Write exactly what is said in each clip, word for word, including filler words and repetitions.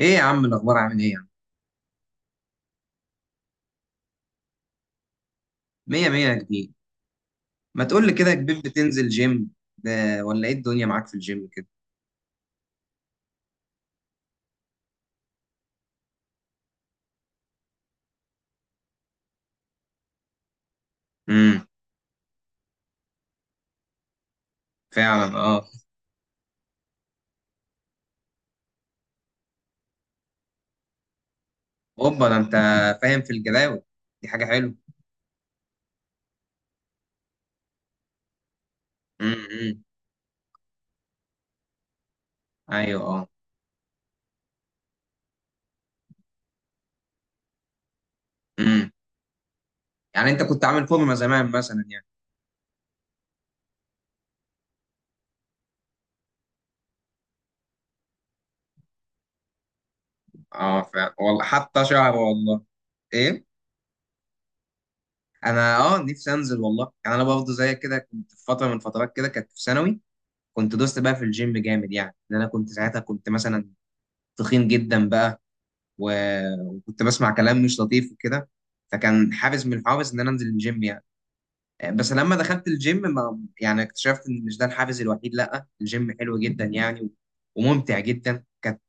ايه يا عم الاخبار، عامل ايه يا عم؟ مية مية يا كبير. ما تقول لي كده يا كبير، بتنزل جيم؟ ده ولا ايه الدنيا معاك في الجيم كده؟ امم. فعلا اه. اوبا، ده انت فاهم في الجداول، دي حاجة حلوة. امم. ايوه اه. امم. يعني انت كنت عامل فورمة زمان مثلا يعني؟ اه فعلا والله، حتى شعر والله. ايه؟ انا اه نفسي انزل والله، يعني انا برضه زي كده كنت في فتره من فترات كده، كانت في ثانوي. كنت دوست بقى في الجيم جامد، يعني ان انا كنت ساعتها كنت مثلا تخين جدا بقى. و- وكنت بسمع كلام مش لطيف وكده، فكان حافز من الحوافز ان انا انزل الجيم يعني. بس لما دخلت الجيم، ما يعني اكتشفت ان مش ده الحافز الوحيد، لا الجيم حلو جدا يعني، وممتع جدا. كانت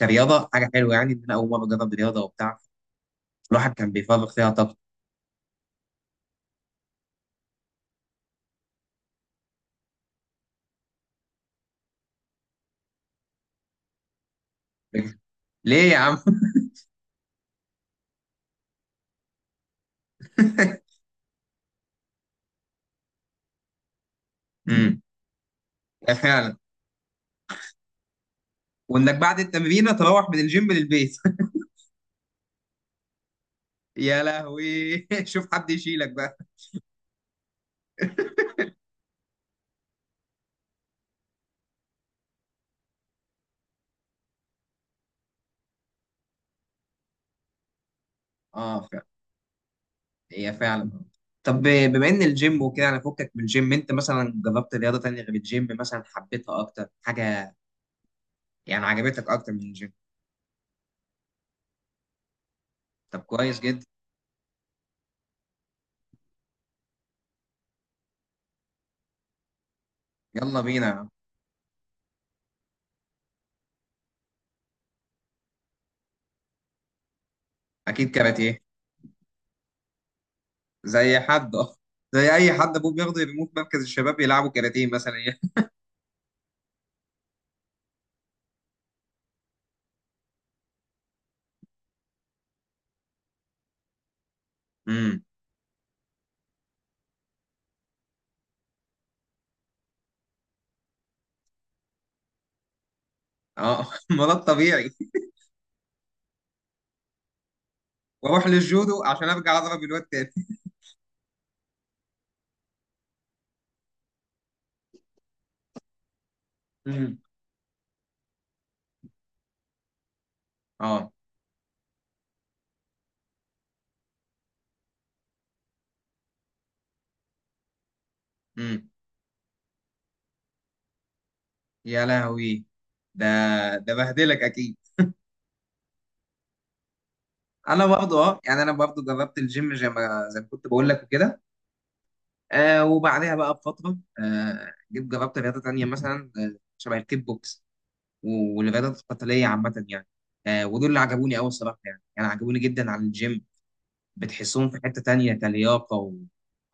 كرياضه حاجه حلوه يعني، ان انا اول مره اجرب رياضه وبتاع. الواحد كان بيفرغ فيها طاقته. ليه يا عم؟ امم، فعلا. وانك بعد التمرين تروح من الجيم للبيت. يا لهوي شوف حد يشيلك بقى. اه هي فعلا. طب بما ان الجيم وكده انا فكك من الجيم، انت مثلا جربت رياضه تانية غير الجيم مثلا حبيتها اكتر حاجه؟ يعني عجبتك اكتر من الجيم؟ طب كويس جدا. يلا بينا. اكيد كاراتيه. زي حد، زي اي حد ابوه بياخده يرموه في مركز الشباب يلعبوا كاراتيه مثلا يعني. امم. اه ما ده الطبيعي. واروح للجودو عشان ارجع اضرب الواد تاني. امم. اه. امم. يا لهوي. ده ده بهدلك اكيد. انا برضه اه يعني، انا برضه جربت الجيم زي ما زي ما كنت بقول لك وكده. آه وبعدها بقى بفترة آه جيت جربت رياضة تانية مثلا، آه شبه الكيك بوكس. و- والرياضات القتالية عامة يعني. آه ودول اللي عجبوني أوي الصراحة يعني، يعني عجبوني جدا عن الجيم. بتحسهم في حتة تانية، كلياقة و-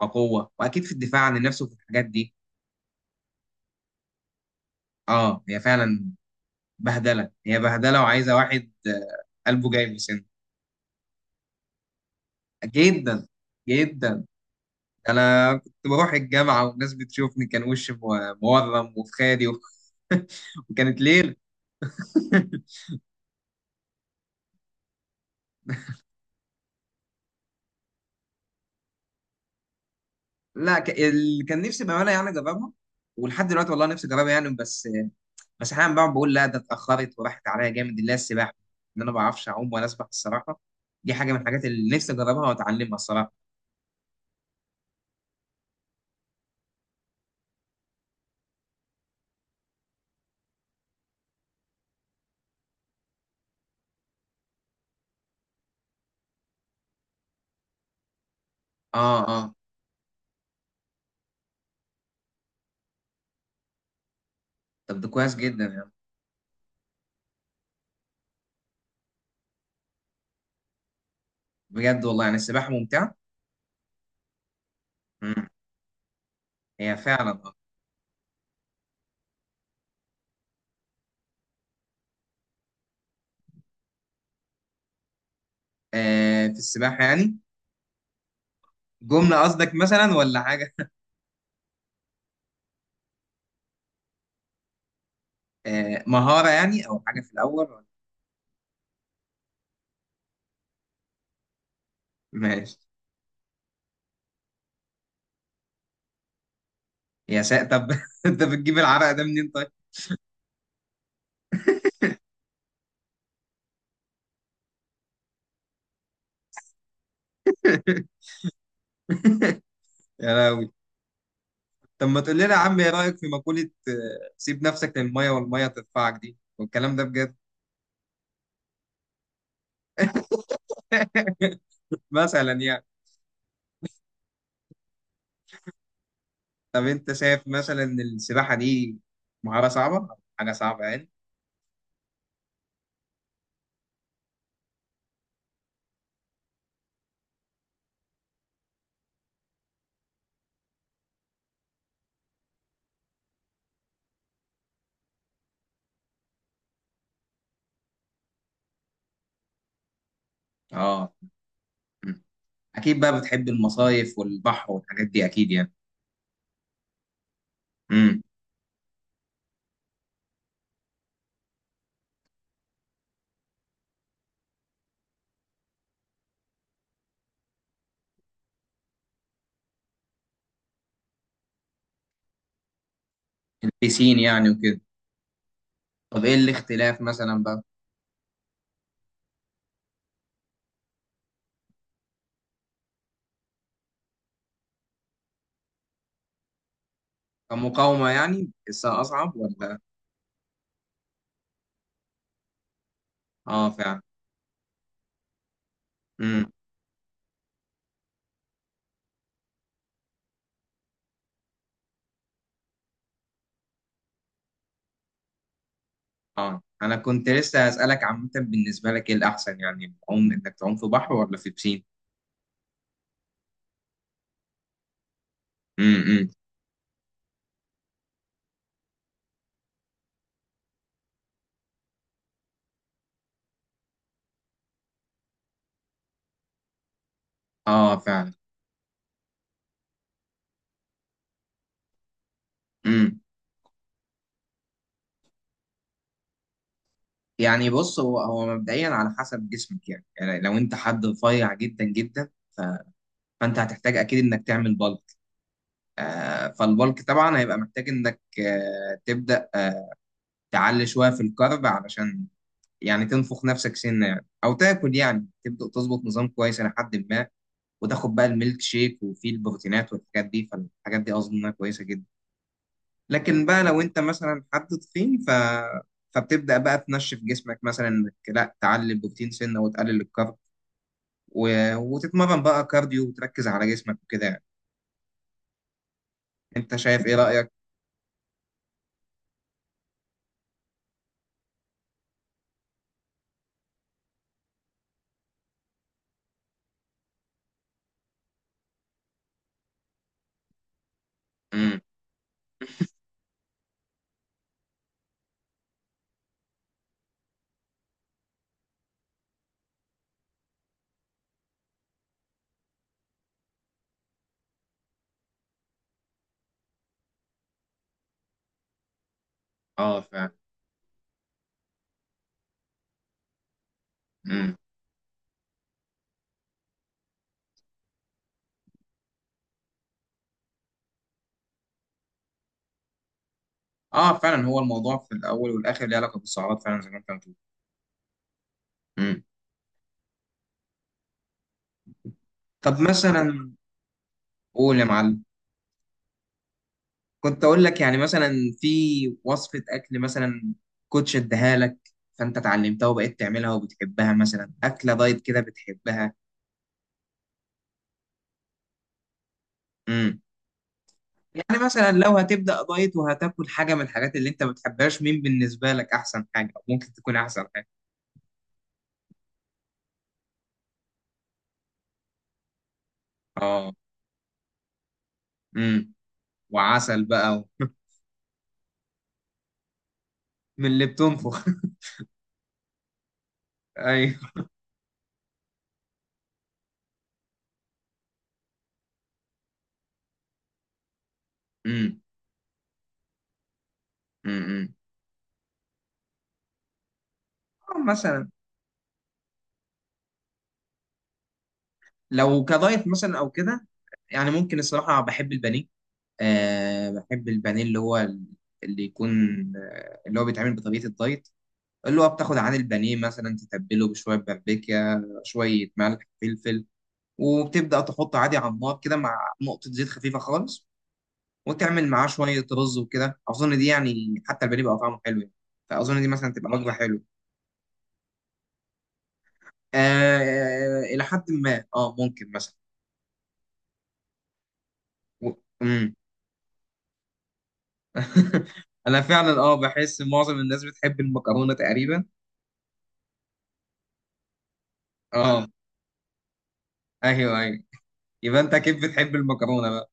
وقوة، وأكيد في الدفاع عن النفس وفي الحاجات دي. أه هي فعلا. بهدلة هي بهدلة، وعايزة واحد آه قلبه جاي من سنه. جدا جدا. أنا كنت بروح الجامعة والناس بتشوفني كان وشي مو- مورم وفي خالي. وكانت ليلة. لا ك... اللي كان نفسي بعملها يعني جربها، ولحد دلوقتي والله نفسي اجربها يعني. بس بس احيانا بقعد بقول لا، ده اتاخرت وراحت عليا جامد، اللي هي السباحه. ان انا ما بعرفش اعوم ولا اسبح الصراحه. دي حاجه من الحاجات اللي نفسي اجربها واتعلمها الصراحه. اه اه. طب ده كويس جدا يعني. بجد والله يعني السباحه ممتعه. امم. هي فعلا آه. آه في السباحه يعني؟ جمله قصدك مثلا ولا حاجه؟ آه مهاره يعني، او حاجه في الاول ولا-. ماشي. يا ساتر، طب انت بتجيب العرق ده منين طيب؟ يا لهوي. طب ما تقول لنا يا عم، ايه رايك في مقوله آه، سيب نفسك للميه والميه تدفعك دي والكلام ده بجد؟ مثلا يعني. طب انت شايف مثلا ان السباحه دي مهاره صعبه، حاجه صعبه يعني؟ اه. مم. اكيد بقى بتحب المصايف والبحر والحاجات دي اكيد يعني؟ امم. البيسين يعني وكده. طب ايه الاختلاف مثلا بقى؟ كمقاومه يعني لسه اصعب ولا؟ اه فعلا. امم. اه انا كنت لسه هسالك، عامه بالنسبه لك ايه الاحسن يعني، العوم انك تعوم في بحر ولا في بسين؟ امم امم. اه فعلا. امم. يعني بص، هو هو مبدئيا على حسب جسمك يعني، يعني لو انت حد رفيع جدا جدا، ف... فانت هتحتاج اكيد انك تعمل بالك. آه فالبالك طبعا هيبقى محتاج انك آه تبدا تعلي شويه في الكارب، علشان يعني تنفخ نفسك سنه يعني، او تاكل يعني تبدا تظبط نظام كويس لحد ما. وتاخد بقى الميلك شيك وفيه البروتينات والحاجات دي، فالحاجات دي اظن انها كويسه جدا. لكن بقى لو انت مثلا حد تخين ف... فبتبدأ بقى تنشف جسمك، مثلا انك لا تعلي البروتين سنة وتقلل الكارب، و... وتتمرن بقى كارديو وتركز على جسمك وكده يعني. انت شايف ايه رأيك؟ امم. اه فعلا. امم. اه فعلا، هو الموضوع في الاول والاخر ليه علاقة بالسعرات، فعلا زي ما انت بتقول. امم. طب مثلا. قول يا معلم. كنت اقول لك يعني مثلا، في وصفة اكل مثلا كوتش اداها لك، فانت اتعلمتها وبقيت تعملها وبتحبها، مثلا اكله دايت كده بتحبها؟ يعني مثلا لو هتبدأ دايت وهتاكل حاجة من الحاجات اللي انت ما بتحبهاش، مين بالنسبة لك احسن حاجة أو ممكن تكون احسن حاجة؟ اه. امم. وعسل بقى و... من اللي بتنفخ ايوه. امم. امم. آه، مثلا. لو كدايت مثلا او كده، يعني ممكن الصراحة بحب البانيه. آه بحب البانيه اللي هو ال-، اللي يكون آه، اللي هو بيتعمل بطريقة الدايت، اللي هو بتاخد عن البانيه مثلا تتبله بشوية بابريكا، شوية ملح فلفل، وبتبدأ تحط عادي على النار كده مع نقطة زيت خفيفة خالص، وتعمل معاه شوية رز وكده. أظن دي يعني، حتى البانيه بقى طعمه حلو يعني، فأظن دي مثلا تبقى وجبة حلوة. آه آه، إلى حد ما، أه ممكن مثلا. و... مم. أنا فعلا أه بحس معظم الناس بتحب المكرونة تقريبا. أه أيوه أيوه، يبقى أنت أكيد بتحب المكرونة بقى.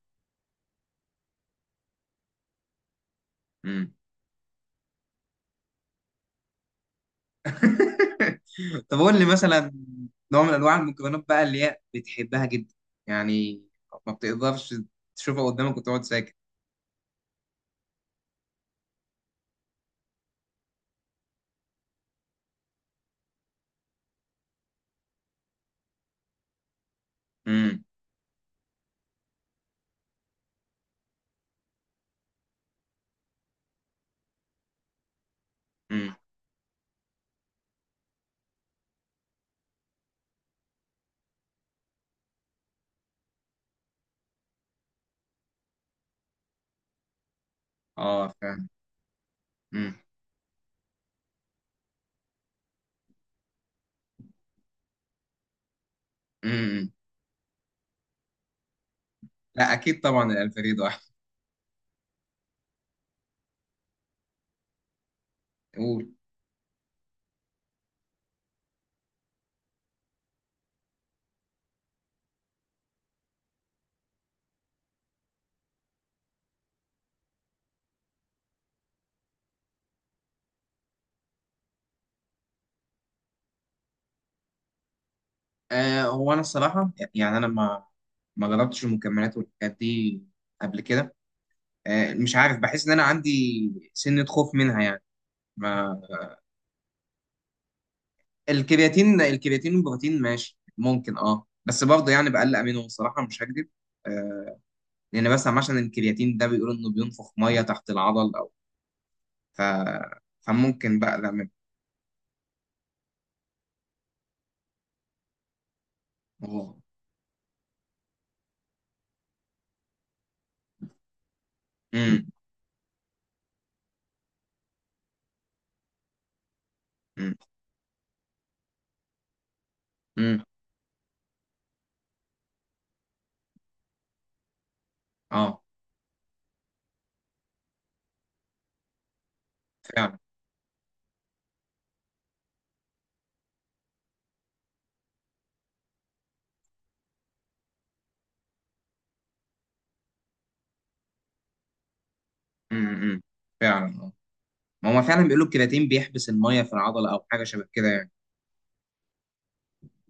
مم. طب قول لي مثلا نوع من انواع المكرونات بقى اللي هي بتحبها جدا، يعني ما بتقدرش تشوفها قدامك وتقعد ساكت. امم. امم. اه فاهم. امم. امم. لا اكيد طبعا الالفريدو احسن. قول. آه هو انا الصراحه يعني، انا ما ما جربتش المكملات والحاجات دي قبل كده. آه مش عارف، بحس ان انا عندي سنه خوف منها يعني. ما. الكرياتين الكرياتين والبروتين ماشي ممكن اه، بس برضه يعني بقلق منهم الصراحه مش هكذب. آه لان بسمع، عشان الكرياتين ده بيقولوا انه بينفخ ميه تحت العضل، او ف فممكن بقلق منه. اه. امم. امم. امم. اه فعلا. امم فعلا اه. ما هو فعلا بيقولوا الكرياتين بيحبس الميه في العضله او حاجه شبه كده يعني.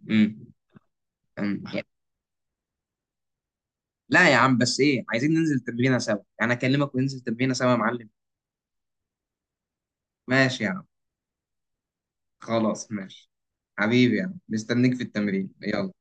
امم. أمم. يعني-. لا يا عم، بس ايه، عايزين ننزل تمرينه سوا يعني، اكلمك وننزل تمرينه سوا يا معلم. ماشي يا عم، خلاص ماشي. حبيبي يا عم، مستنيك في التمرين، يلا.